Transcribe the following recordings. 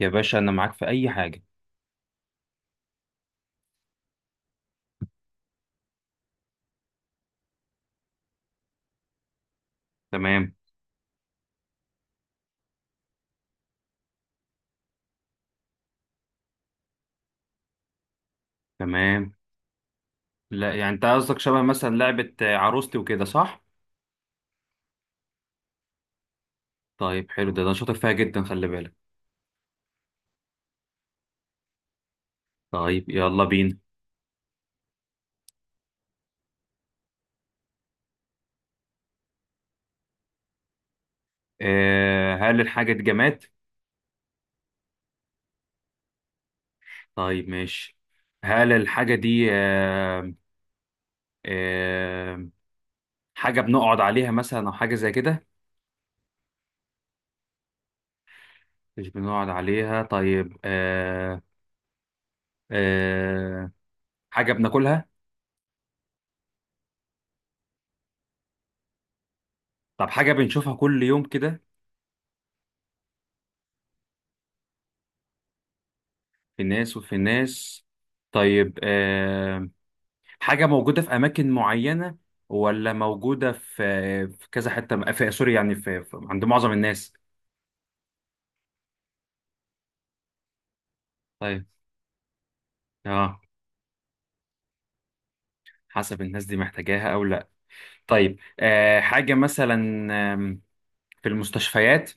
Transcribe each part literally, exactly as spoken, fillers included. يا باشا انا معاك في اي حاجه. تمام. تمام. لا يعني انت قصدك شبه مثلا لعبه آه، عروستي وكده، صح؟ طيب حلو، ده ده أنا شاطر فيها جدا، خلي بالك. طيب يلا بينا. آه، هل الحاجه دي جماد؟ طيب ماشي. هل الحاجه دي آه آه حاجه بنقعد عليها مثلا او حاجه زي كده؟ مش بنقعد عليها، طيب. آه آه حاجه بناكلها؟ طب حاجه بنشوفها كل يوم كده؟ في ناس وفي ناس. طيب آه، حاجة موجودة في أماكن معينة ولا موجودة في في كذا حتة؟ في سوري يعني، في في- عند معظم الناس. طيب اه، حسب الناس دي محتاجاها أو لا. طيب آه، حاجة مثلا آم، في المستشفيات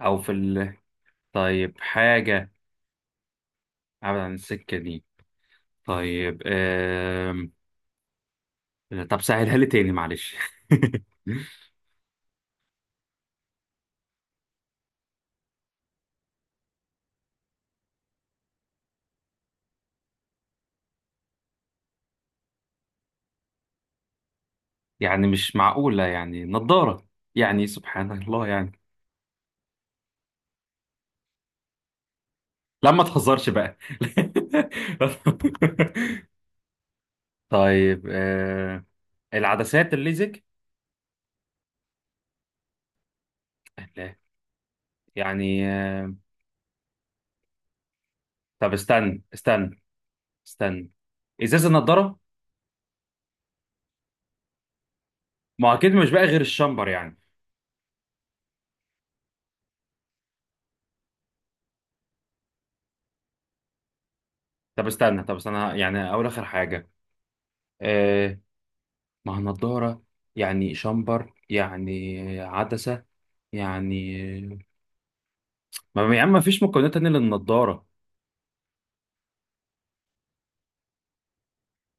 أو في ال...؟ طيب حاجة أبعد عن السكة دي. طيب آم... طب سهلها لي تاني معلش. يعني مش معقولة يعني نضارة؟ يعني سبحان الله يعني. لا ما تهزرش بقى. طيب آه، العدسات، الليزك؟ لا يعني آه. طب استنى استنى استنى، ازاز النضاره؟ ما هو اكيد مش بقى غير الشامبر يعني. طب استنى طب استنى يعني اول اخر حاجه. آه، ما هو نضاره يعني، شامبر يعني عدسه يعني. ما يا عم، ما فيش مكونات تانية للنضاره؟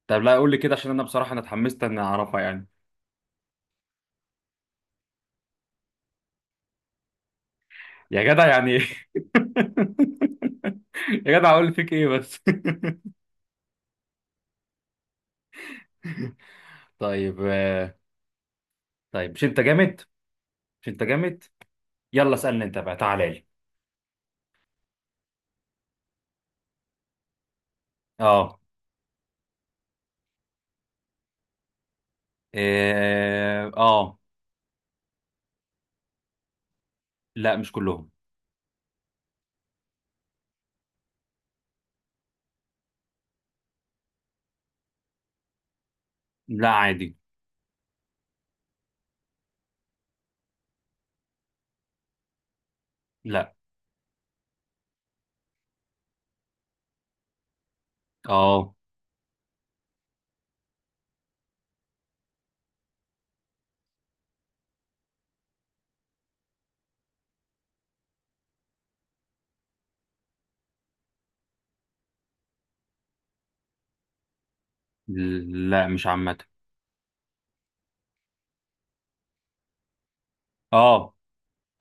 طب لا قول لي كده، عشان انا بصراحه انا اتحمست ان اعرفها يعني. يا جدع يعني إيه؟ يا جدع، اقول فيك ايه بس. طيب آه، طيب مش انت جامد؟ مش انت جامد؟ يلا اسألني انت بقى، تعالى لي. اه. إيه، اه. لا مش كلهم. لا عادي. لا. اه. لا مش عامة. اه.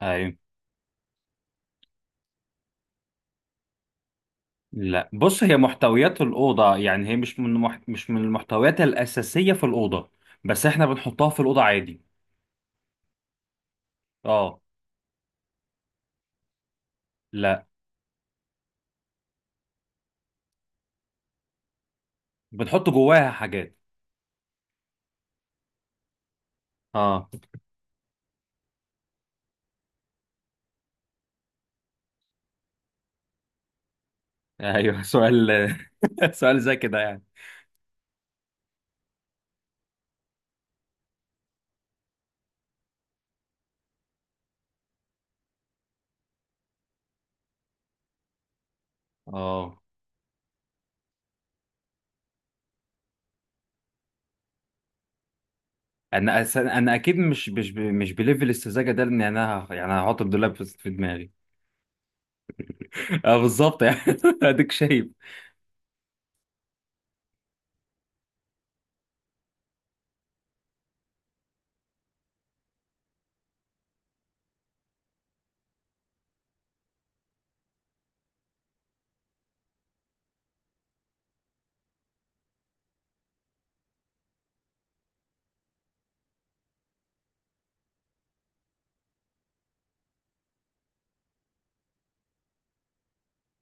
ايوه. لا بص، هي محتويات الأوضة يعني، هي مش من مح... مش من المحتويات الأساسية في الأوضة، بس احنا بنحطها في الأوضة عادي. اه. لا، بنحط جواها حاجات. اه. ايوه. سؤال؟ سؤال زي كده يعني. اه. انا أس- انا اكيد مش مش ب- مش بليفل السذاجه ده، لان انا ه- يعني هحط الدولاب في في دماغي. اه بالظبط يعني، اديك شايف.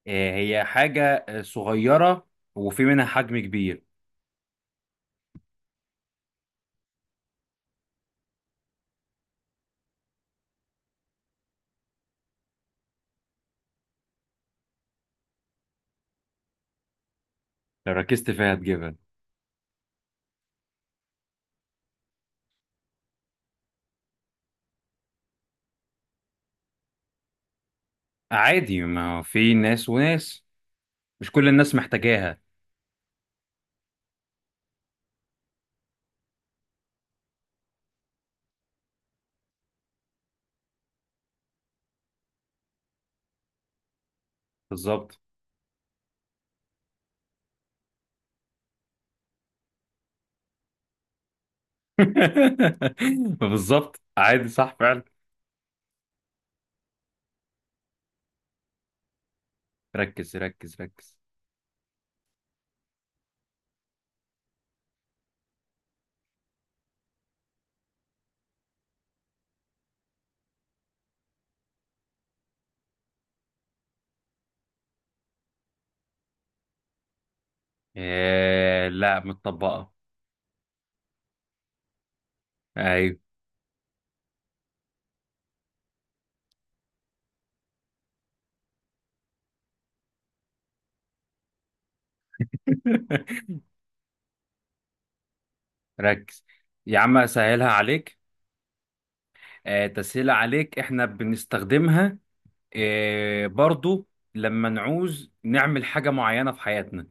آه، هي حاجه آه، صغيره، وفي منها حجم كبير. لو ركزت فيها هتجيبها. عادي، ما هو في ناس وناس. مش كل الناس محتاجاها. بالظبط. بالظبط، عادي، صح فعلا. ركز ركز ركز. آه لا، متطبقه. ايوه. ركز. يا عم اسهلها عليك، آه، تسهيلة عليك، احنا بنستخدمها آه، برضو لما نعوز نعمل حاجة معينة في حياتنا.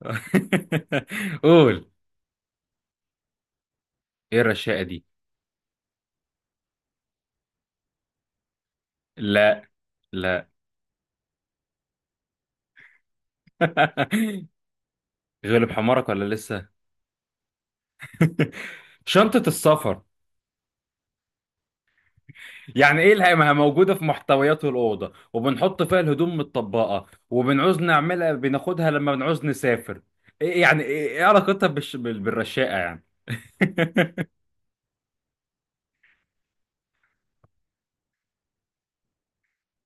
قول. ايه الرشاقة دي؟ لا. لا. غلب حمارك ولا لسه؟ شنطة السفر. يعني ايه اللي ما هي موجودة في محتويات الأوضة، وبنحط فيها الهدوم متطبقة، وبنعوز نعملها بناخدها لما بنعوز نسافر؟ إيه يعني، ايه إيه علاقتها بالش... بال- بالرشاقة يعني؟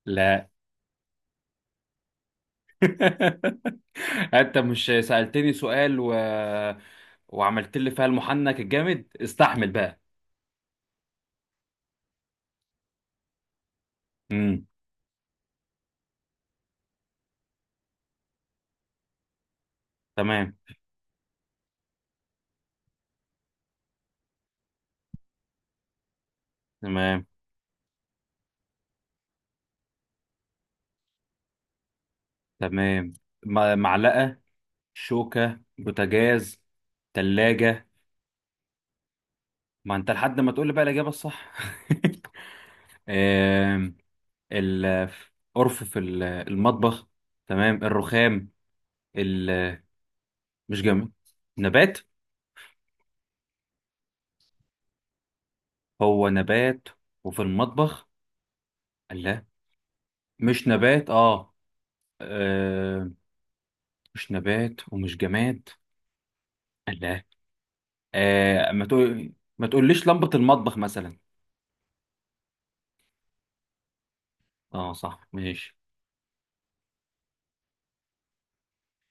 لا. انت مش سألتني سؤال و... وعملت لي فيها المحنك الجامد، استحمل بقى. امم. تمام. تمام. تمام. م- معلقة، شوكة، بوتاجاز، تلاجة. ما انت لحد ما تقول لي بقى الإجابة الصح. آم، القرف في ال- المطبخ، تمام، الرخام، ال...، مش جامد، نبات. هو نبات؟ وفي المطبخ؟ لا مش نبات. اه مش نبات ومش جماد. لا. آه ما تقول، ما تقوليش لمبة المطبخ مثلا؟ اه صح ماشي.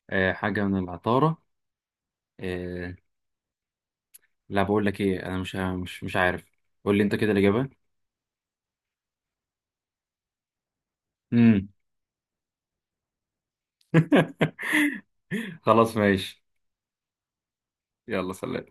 آه حاجة من العطارة. آه لا، بقول لك ايه، انا مش مش مش عارف. قول لي انت كده الإجابة. امم. خلاص ماشي. يلا سلام.